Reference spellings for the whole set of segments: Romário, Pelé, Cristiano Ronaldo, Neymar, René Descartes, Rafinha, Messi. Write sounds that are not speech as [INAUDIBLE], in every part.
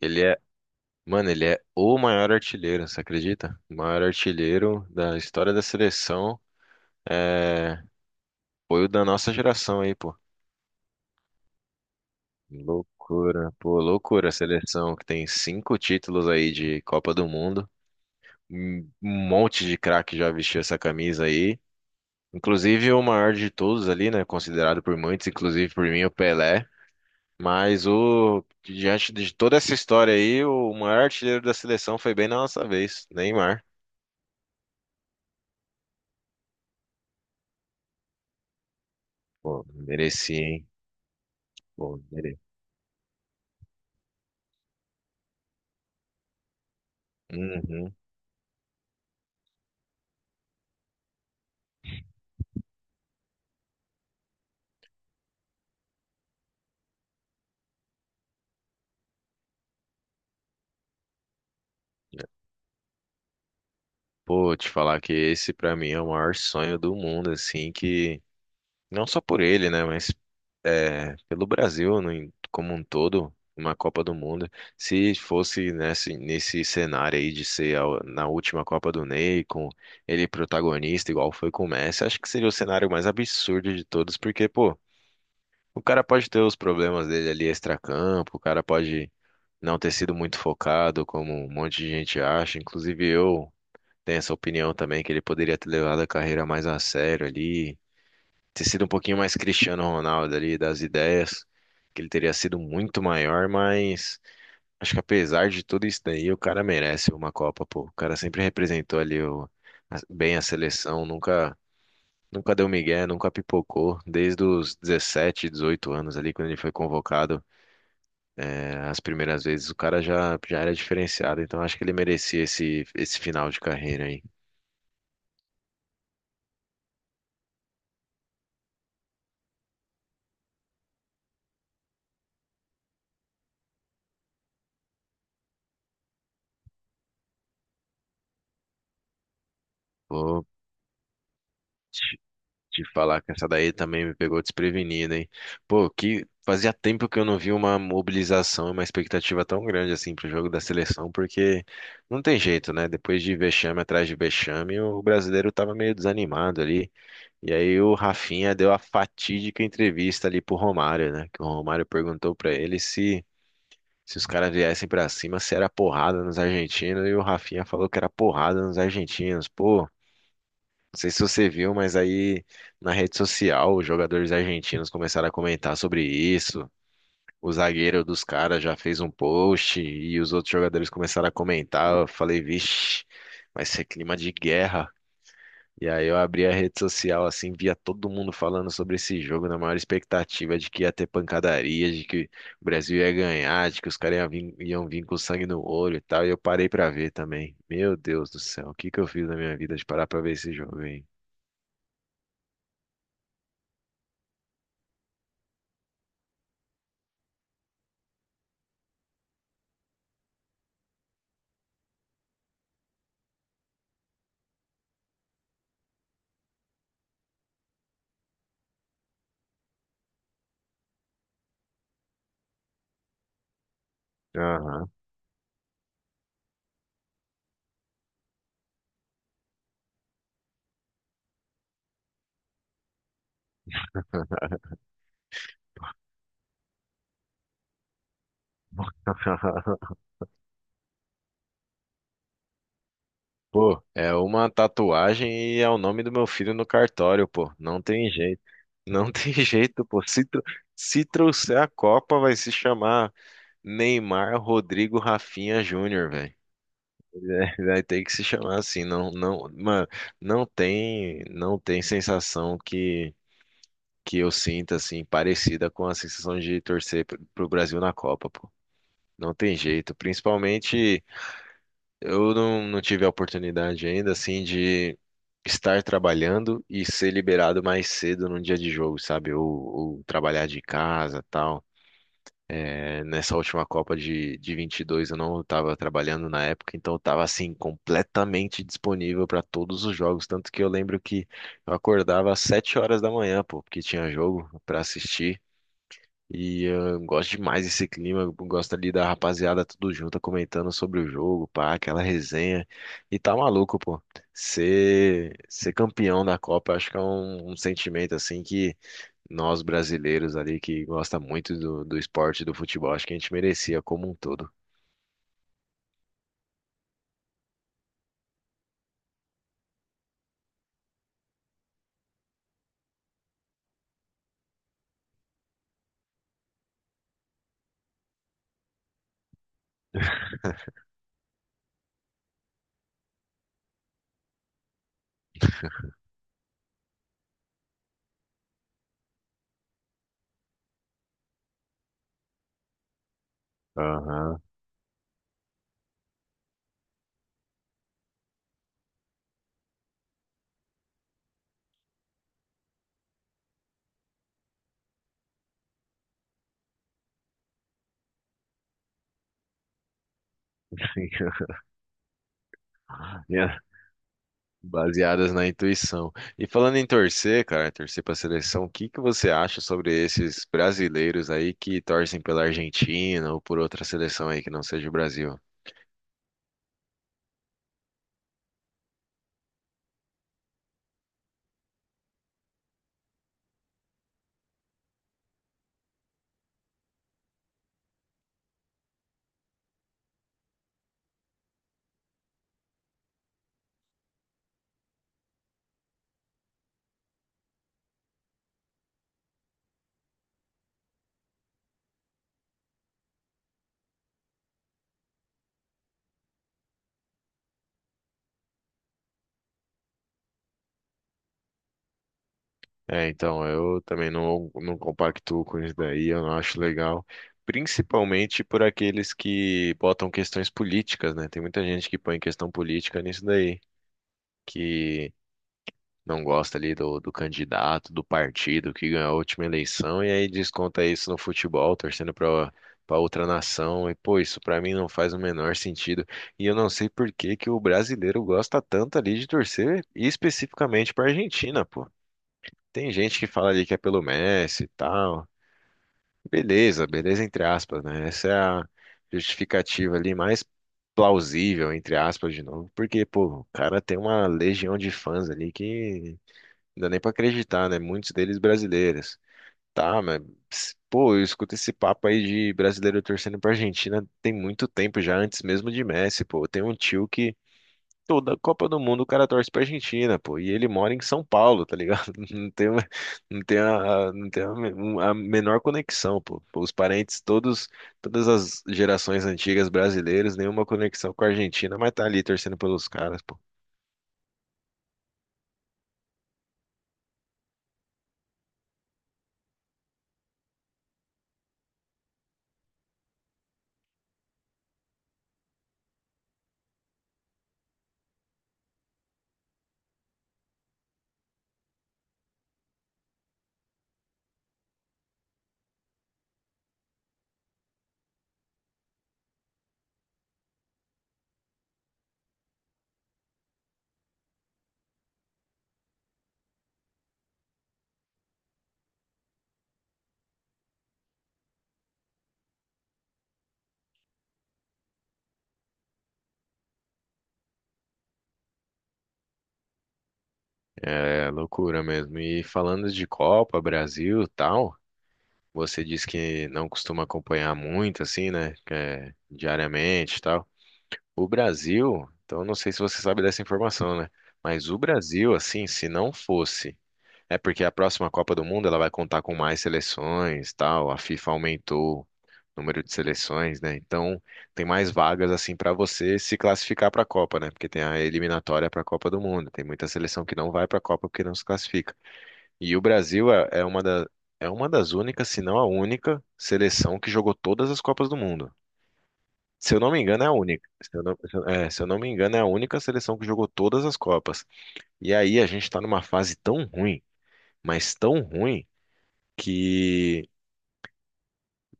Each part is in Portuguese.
Ele é, mano, ele é o maior artilheiro, você acredita? O maior artilheiro da história da seleção é, foi o da nossa geração aí, pô. Loucura, pô, loucura a seleção que tem cinco títulos aí de Copa do Mundo. Um monte de craque já vestiu essa camisa aí. Inclusive o maior de todos ali, né? Considerado por muitos, inclusive por mim, o Pelé. Mas o diante de toda essa história aí, o maior artilheiro da seleção foi bem na nossa vez, Neymar. Pô, merecia, hein? Bom, beleza. Uhum. Pô, te falar que esse pra mim é o maior sonho do mundo, assim, que não só por ele, né, mas é, pelo Brasil como um todo, uma Copa do Mundo. Se fosse nesse cenário aí de ser na última Copa do Ney, com ele protagonista, igual foi com o Messi, acho que seria o cenário mais absurdo de todos, porque, pô, o cara pode ter os problemas dele ali extracampo, o cara pode não ter sido muito focado, como um monte de gente acha, inclusive eu. Tem essa opinião também que ele poderia ter levado a carreira mais a sério ali, ter sido um pouquinho mais Cristiano Ronaldo ali, das ideias, que ele teria sido muito maior, mas acho que apesar de tudo isso daí, o cara merece uma Copa, pô. O cara sempre representou ali bem a seleção, nunca, nunca deu migué, nunca pipocou, desde os 17, 18 anos ali, quando ele foi convocado, as primeiras vezes, o cara já era diferenciado, então acho que ele merecia esse final de carreira aí. Pô, te falar que essa daí também me pegou desprevenida, hein? Pô, que fazia tempo que eu não vi uma mobilização e uma expectativa tão grande assim pro jogo da seleção, porque não tem jeito, né? Depois de vexame atrás de vexame, o brasileiro tava meio desanimado ali. E aí o Rafinha deu a fatídica entrevista ali pro Romário, né? Que o Romário perguntou pra ele se os caras viessem pra cima, se era porrada nos argentinos, e o Rafinha falou que era porrada nos argentinos. Pô, não sei se você viu, mas aí na rede social os jogadores argentinos começaram a comentar sobre isso. O zagueiro dos caras já fez um post e os outros jogadores começaram a comentar. Eu falei, vixe, vai ser clima de guerra. E aí eu abri a rede social assim, via todo mundo falando sobre esse jogo, na maior expectativa de que ia ter pancadaria, de que o Brasil ia ganhar, de que os caras iam vir com sangue no olho e tal. E eu parei pra ver também. Meu Deus do céu, o que que eu fiz na minha vida de parar pra ver esse jogo, hein? Aham. [LAUGHS] Pô, é uma tatuagem e é o nome do meu filho no cartório, pô. Não tem jeito. Não [LAUGHS] tem jeito, pô. Se trouxer a Copa, vai se chamar Neymar Rodrigo Rafinha Júnior, velho. [LAUGHS] Vai ter que se chamar assim. Não, não, mano, não tem sensação que eu sinta, assim, parecida com a sensação de torcer pro Brasil na Copa, pô. Não tem jeito. Principalmente. Eu não tive a oportunidade ainda, assim, de estar trabalhando e ser liberado mais cedo num dia de jogo, sabe? Ou trabalhar de casa, tal. É, nessa última Copa de 22 eu não estava trabalhando na época, então eu estava, assim, completamente disponível para todos os jogos. Tanto que eu lembro que eu acordava às 7 horas da manhã, pô, porque tinha jogo para assistir. E eu gosto demais desse clima, eu gosto ali da rapaziada tudo junto comentando sobre o jogo, pá, aquela resenha. E tá maluco, pô. Ser campeão da Copa, acho que é um sentimento assim que nós brasileiros ali que gosta muito do esporte, do futebol, acho que a gente merecia como um todo. Aham. [LAUGHS] Ia baseadas na intuição. E falando em torcer, cara, torcer para a seleção, o que que você acha sobre esses brasileiros aí que torcem pela Argentina ou por outra seleção aí que não seja o Brasil? É, então, eu também não compactuo com isso daí, eu não acho legal. Principalmente por aqueles que botam questões políticas, né? Tem muita gente que põe questão política nisso daí. Que não gosta ali do candidato, do partido que ganhou a última eleição e aí desconta isso no futebol, torcendo para outra nação. E pô, isso para mim não faz o menor sentido. E eu não sei por que que o brasileiro gosta tanto ali de torcer e especificamente para Argentina, pô. Tem gente que fala ali que é pelo Messi e tal. Beleza, beleza entre aspas, né? Essa é a justificativa ali mais plausível, entre aspas, de novo, porque, pô, o cara tem uma legião de fãs ali que não dá nem pra acreditar, né? Muitos deles brasileiros. Tá, mas, pô, eu escuto esse papo aí de brasileiro torcendo pra Argentina tem muito tempo já, antes mesmo de Messi, pô. Tem um tio que toda Copa do Mundo o cara torce pra Argentina, pô. E ele mora em São Paulo, tá ligado? [LAUGHS] Não tem, uma- não tem, a- não tem a, me- um- A menor conexão, pô. Pô, os parentes, todos, todas as gerações antigas brasileiras, nenhuma conexão com a Argentina, mas tá ali torcendo pelos caras, pô. É loucura mesmo. E falando de Copa, Brasil, tal. Você diz que não costuma acompanhar muito, assim, né? Que é, diariamente e tal. O Brasil, então eu não sei se você sabe dessa informação, né? Mas o Brasil, assim, se não fosse. É porque a próxima Copa do Mundo ela vai contar com mais seleções, tal. A FIFA aumentou o número de seleções, né? Então tem mais vagas assim para você se classificar para a Copa, né? Porque tem a eliminatória para a Copa do Mundo. Tem muita seleção que não vai para a Copa porque não se classifica. E o Brasil é é uma das únicas, se não a única, seleção que jogou todas as Copas do Mundo. Se eu não me engano, é a única. Se eu não me engano, é a única seleção que jogou todas as Copas. E aí a gente está numa fase tão ruim, mas tão ruim, que,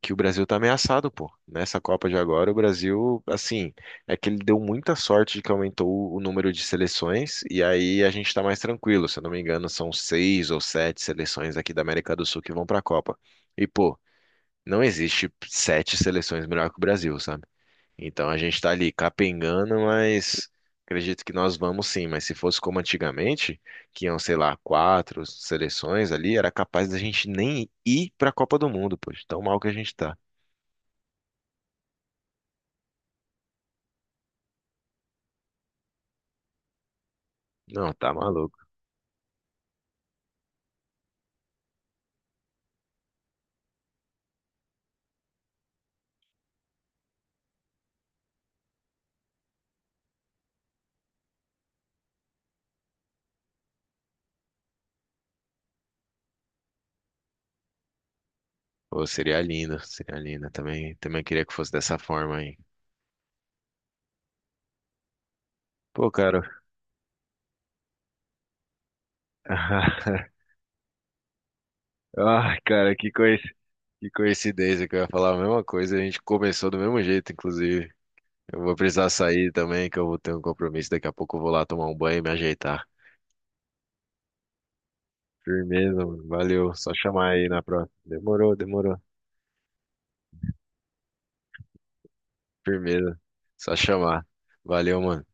que o Brasil tá ameaçado, pô. Nessa Copa de agora, o Brasil, assim, é que ele deu muita sorte de que aumentou o número de seleções, e aí a gente tá mais tranquilo. Se eu não me engano, são seis ou sete seleções aqui da América do Sul que vão pra Copa. E, pô, não existe sete seleções melhor que o Brasil, sabe? Então a gente tá ali capengando, mas acredito que nós vamos sim. Mas se fosse como antigamente, que iam, sei lá, quatro seleções ali, era capaz da gente nem ir pra Copa do Mundo, pô, de tão mal que a gente tá. Não, tá maluco. Pô, seria lindo, seria lindo. Também, também queria que fosse dessa forma aí. Pô, cara. [LAUGHS] Ah, cara, que coisa. Que coincidência que eu ia falar a mesma coisa, a gente começou do mesmo jeito, inclusive. Eu vou precisar sair também, que eu vou ter um compromisso. Daqui a pouco eu vou lá tomar um banho e me ajeitar. Firmeza, mano. Valeu. Só chamar aí na próxima. Demorou, demorou. Firmeza. Só chamar. Valeu, mano.